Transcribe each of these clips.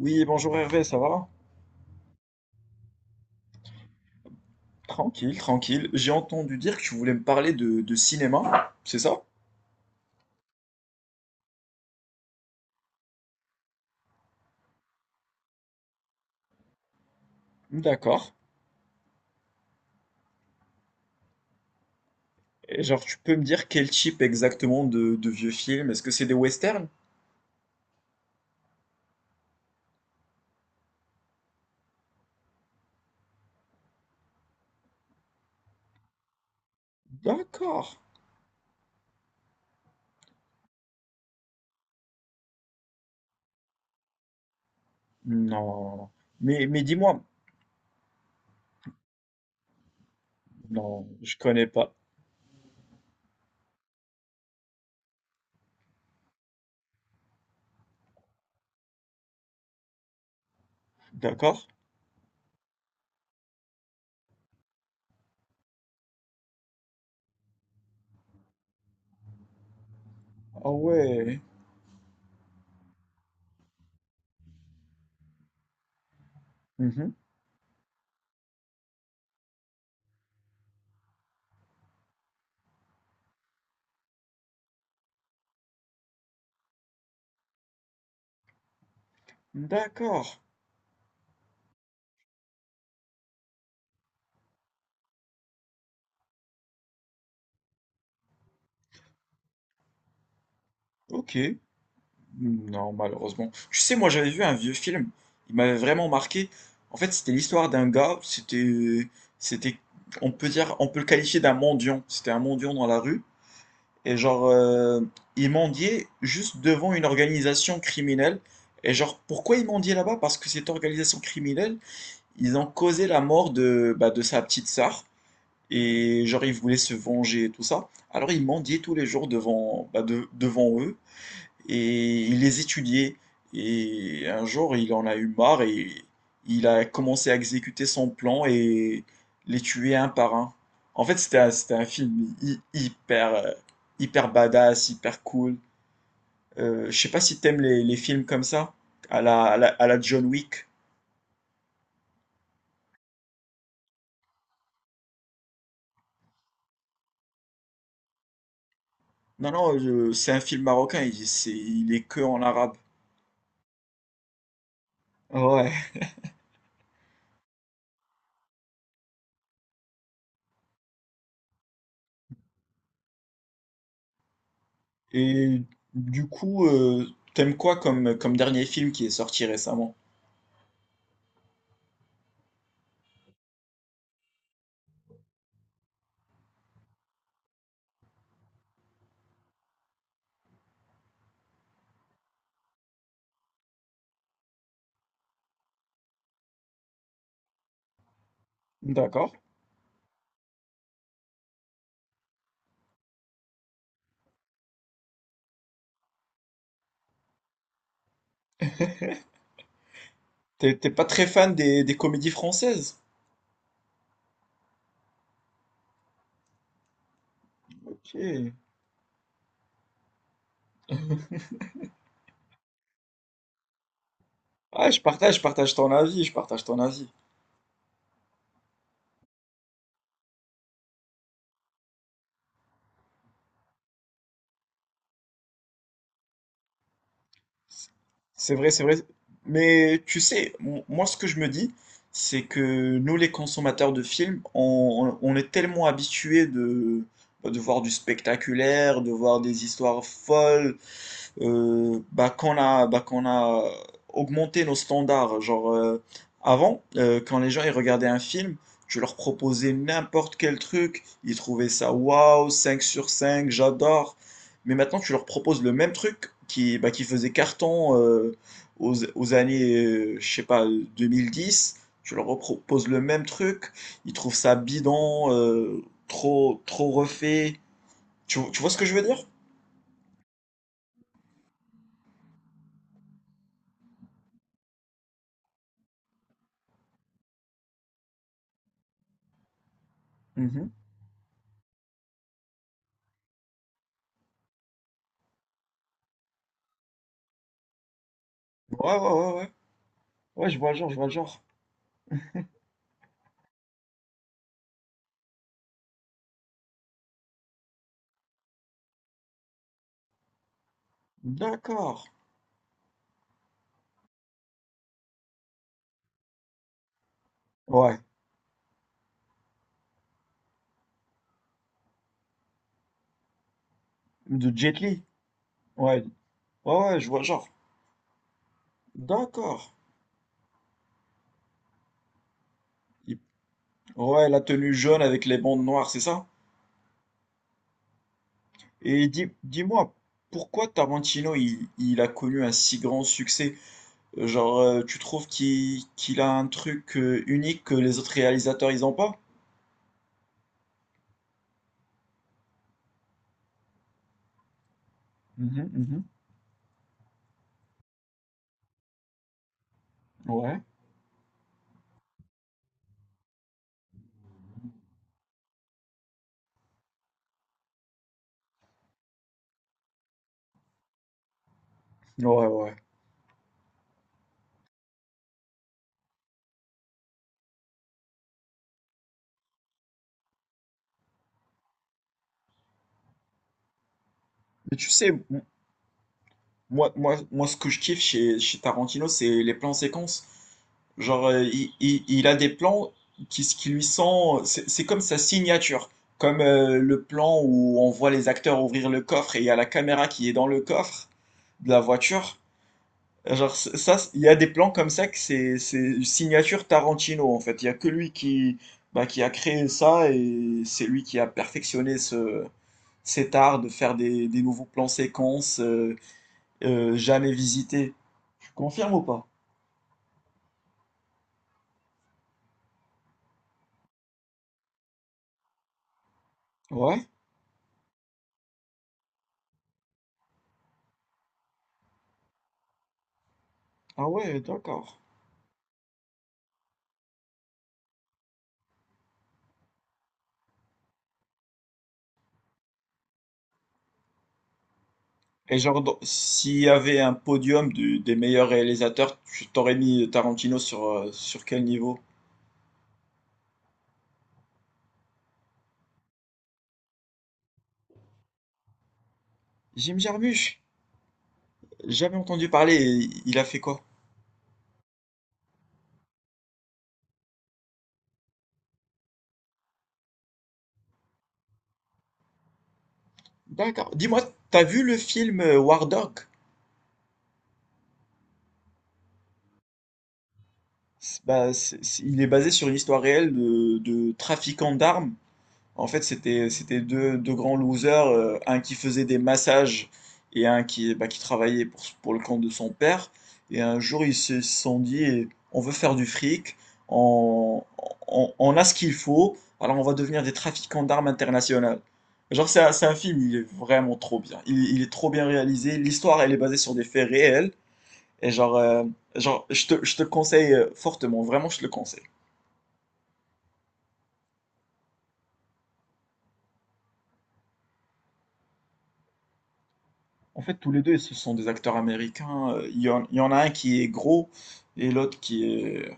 Oui, bonjour Hervé, ça va? Tranquille, tranquille. J'ai entendu dire que tu voulais me parler de cinéma, c'est ça? D'accord. Et genre, tu peux me dire quel type exactement de vieux films? Est-ce que c'est des westerns? D'accord. Non. Mais dis-moi. Non, je connais pas. D'accord. Ah ouais. Mhm. D'accord. Ok. Non, malheureusement. Tu sais, moi j'avais vu un vieux film, il m'avait vraiment marqué. En fait, c'était l'histoire d'un gars, c'était, on peut dire, on peut le qualifier d'un mendiant. C'était un mendiant dans la rue, et genre, il mendiait juste devant une organisation criminelle. Et genre, pourquoi il mendiait là-bas? Parce que cette organisation criminelle, ils ont causé la mort de, bah, de sa petite sœur, et genre, il voulait se venger et tout ça. Alors, il mendiait tous les jours devant, bah, devant eux et il les étudiait. Et un jour, il en a eu marre et il a commencé à exécuter son plan et les tuer un par un. En fait, c'était un film hyper, hyper badass, hyper cool. Je sais pas si t'aimes les films comme ça, à la John Wick. Non, non, c'est un film marocain, il est que en arabe. Ouais. Et du coup, t'aimes quoi comme, comme dernier film qui est sorti récemment? D'accord. T'es pas très fan des comédies françaises? Ok. Ah, je partage ton avis. C'est vrai, c'est vrai. Mais tu sais, moi ce que je me dis, c'est que nous les consommateurs de films, on est tellement habitués de, bah, de voir du spectaculaire, de voir des histoires folles, bah, qu'on a augmenté nos standards. Genre, avant, quand les gens ils regardaient un film, tu leur proposais n'importe quel truc, ils trouvaient ça waouh, 5 sur 5 j'adore. Mais maintenant, tu leur proposes le même truc qui, bah, qui faisait carton aux, aux années, je sais pas, 2010. Tu leur proposes le même truc, ils trouvent ça bidon, trop, trop refait. Tu vois ce que je veux dire? Mhm. Ouais, ouais, ouais, ouais. Ouais, je vois le genre, je vois le genre. D'accord. Ouais. De Jet Li. Ouais. Ouais, ouais, je vois le genre. D'accord. Il- Ouais, la tenue jaune avec les bandes noires, c'est ça? Et dis-moi, pourquoi Tarantino, il a connu un si grand succès? Genre, tu trouves qu'il a un truc unique que les autres réalisateurs, ils ont pas? Mhm, mhm. Ouais. Ouais, ouais. Mais tu sais, moi, ce que je kiffe chez Tarantino, c'est les plans séquences. Genre, il a des plans qui lui sont. C'est comme sa signature. Comme le plan où on voit les acteurs ouvrir le coffre et il y a la caméra qui est dans le coffre de la voiture. Genre, il y a des plans comme ça que c'est une signature Tarantino en fait. Il y a que lui qui, bah, qui a créé ça et c'est lui qui a perfectionné ce, cet art de faire des nouveaux plans séquences. Jamais visité. Tu confirmes ou pas? Ouais? Ah ouais, d'accord. Et genre, s'il y avait un podium des meilleurs réalisateurs, tu t'aurais mis Tarantino sur, sur quel niveau? Jim Jarmusch? Jamais entendu parler, et il a fait quoi? D'accord. Dis-moi, t'as vu le film War Dog? Bah, il est basé sur une histoire réelle de trafiquants d'armes. En fait, c'était deux, deux grands losers, un qui faisait des massages et un qui, bah, qui travaillait pour le compte de son père. Et un jour, ils se sont dit, eh, on veut faire du fric, on, on a ce qu'il faut, alors on va devenir des trafiquants d'armes internationales. Genre, c'est un film, il est vraiment trop bien. Il est trop bien réalisé. L'histoire, elle est basée sur des faits réels. Et genre, genre je te conseille fortement, vraiment, je te le conseille. En fait, tous les deux, ce sont des acteurs américains. Il y en a un qui est gros et l'autre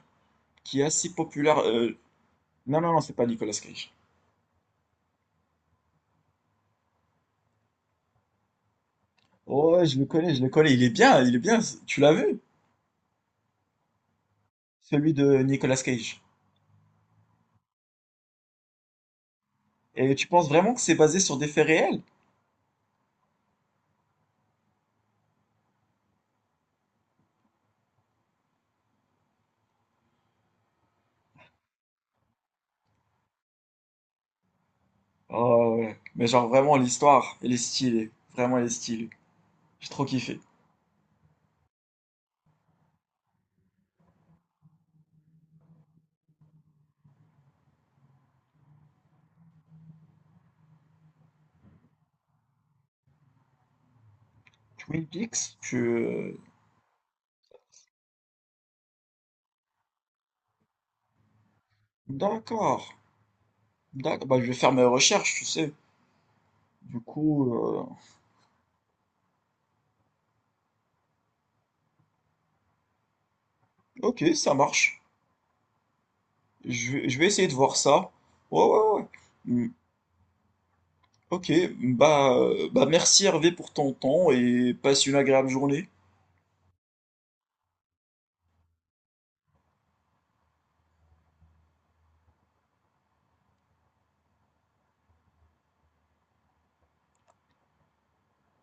qui est assez populaire. Non, non, non, c'est pas Nicolas Cage. Oh, ouais, je le connais. Il est bien. Tu l'as vu? Celui de Nicolas Cage. Et tu penses vraiment que c'est basé sur des faits réels? Oh, ouais. Mais genre, vraiment, l'histoire, elle est stylée. Vraiment, elle est stylée. J'ai trop kiffé. Twin Peaks, tu... D'accord. D'accord. Bah, je vais faire mes recherches, tu sais. Du coup, ok, ça marche. Je vais essayer de voir ça. Ouais, ouais, ouais. Hmm, Ok, bah, bah merci Hervé pour ton temps et passe une agréable journée.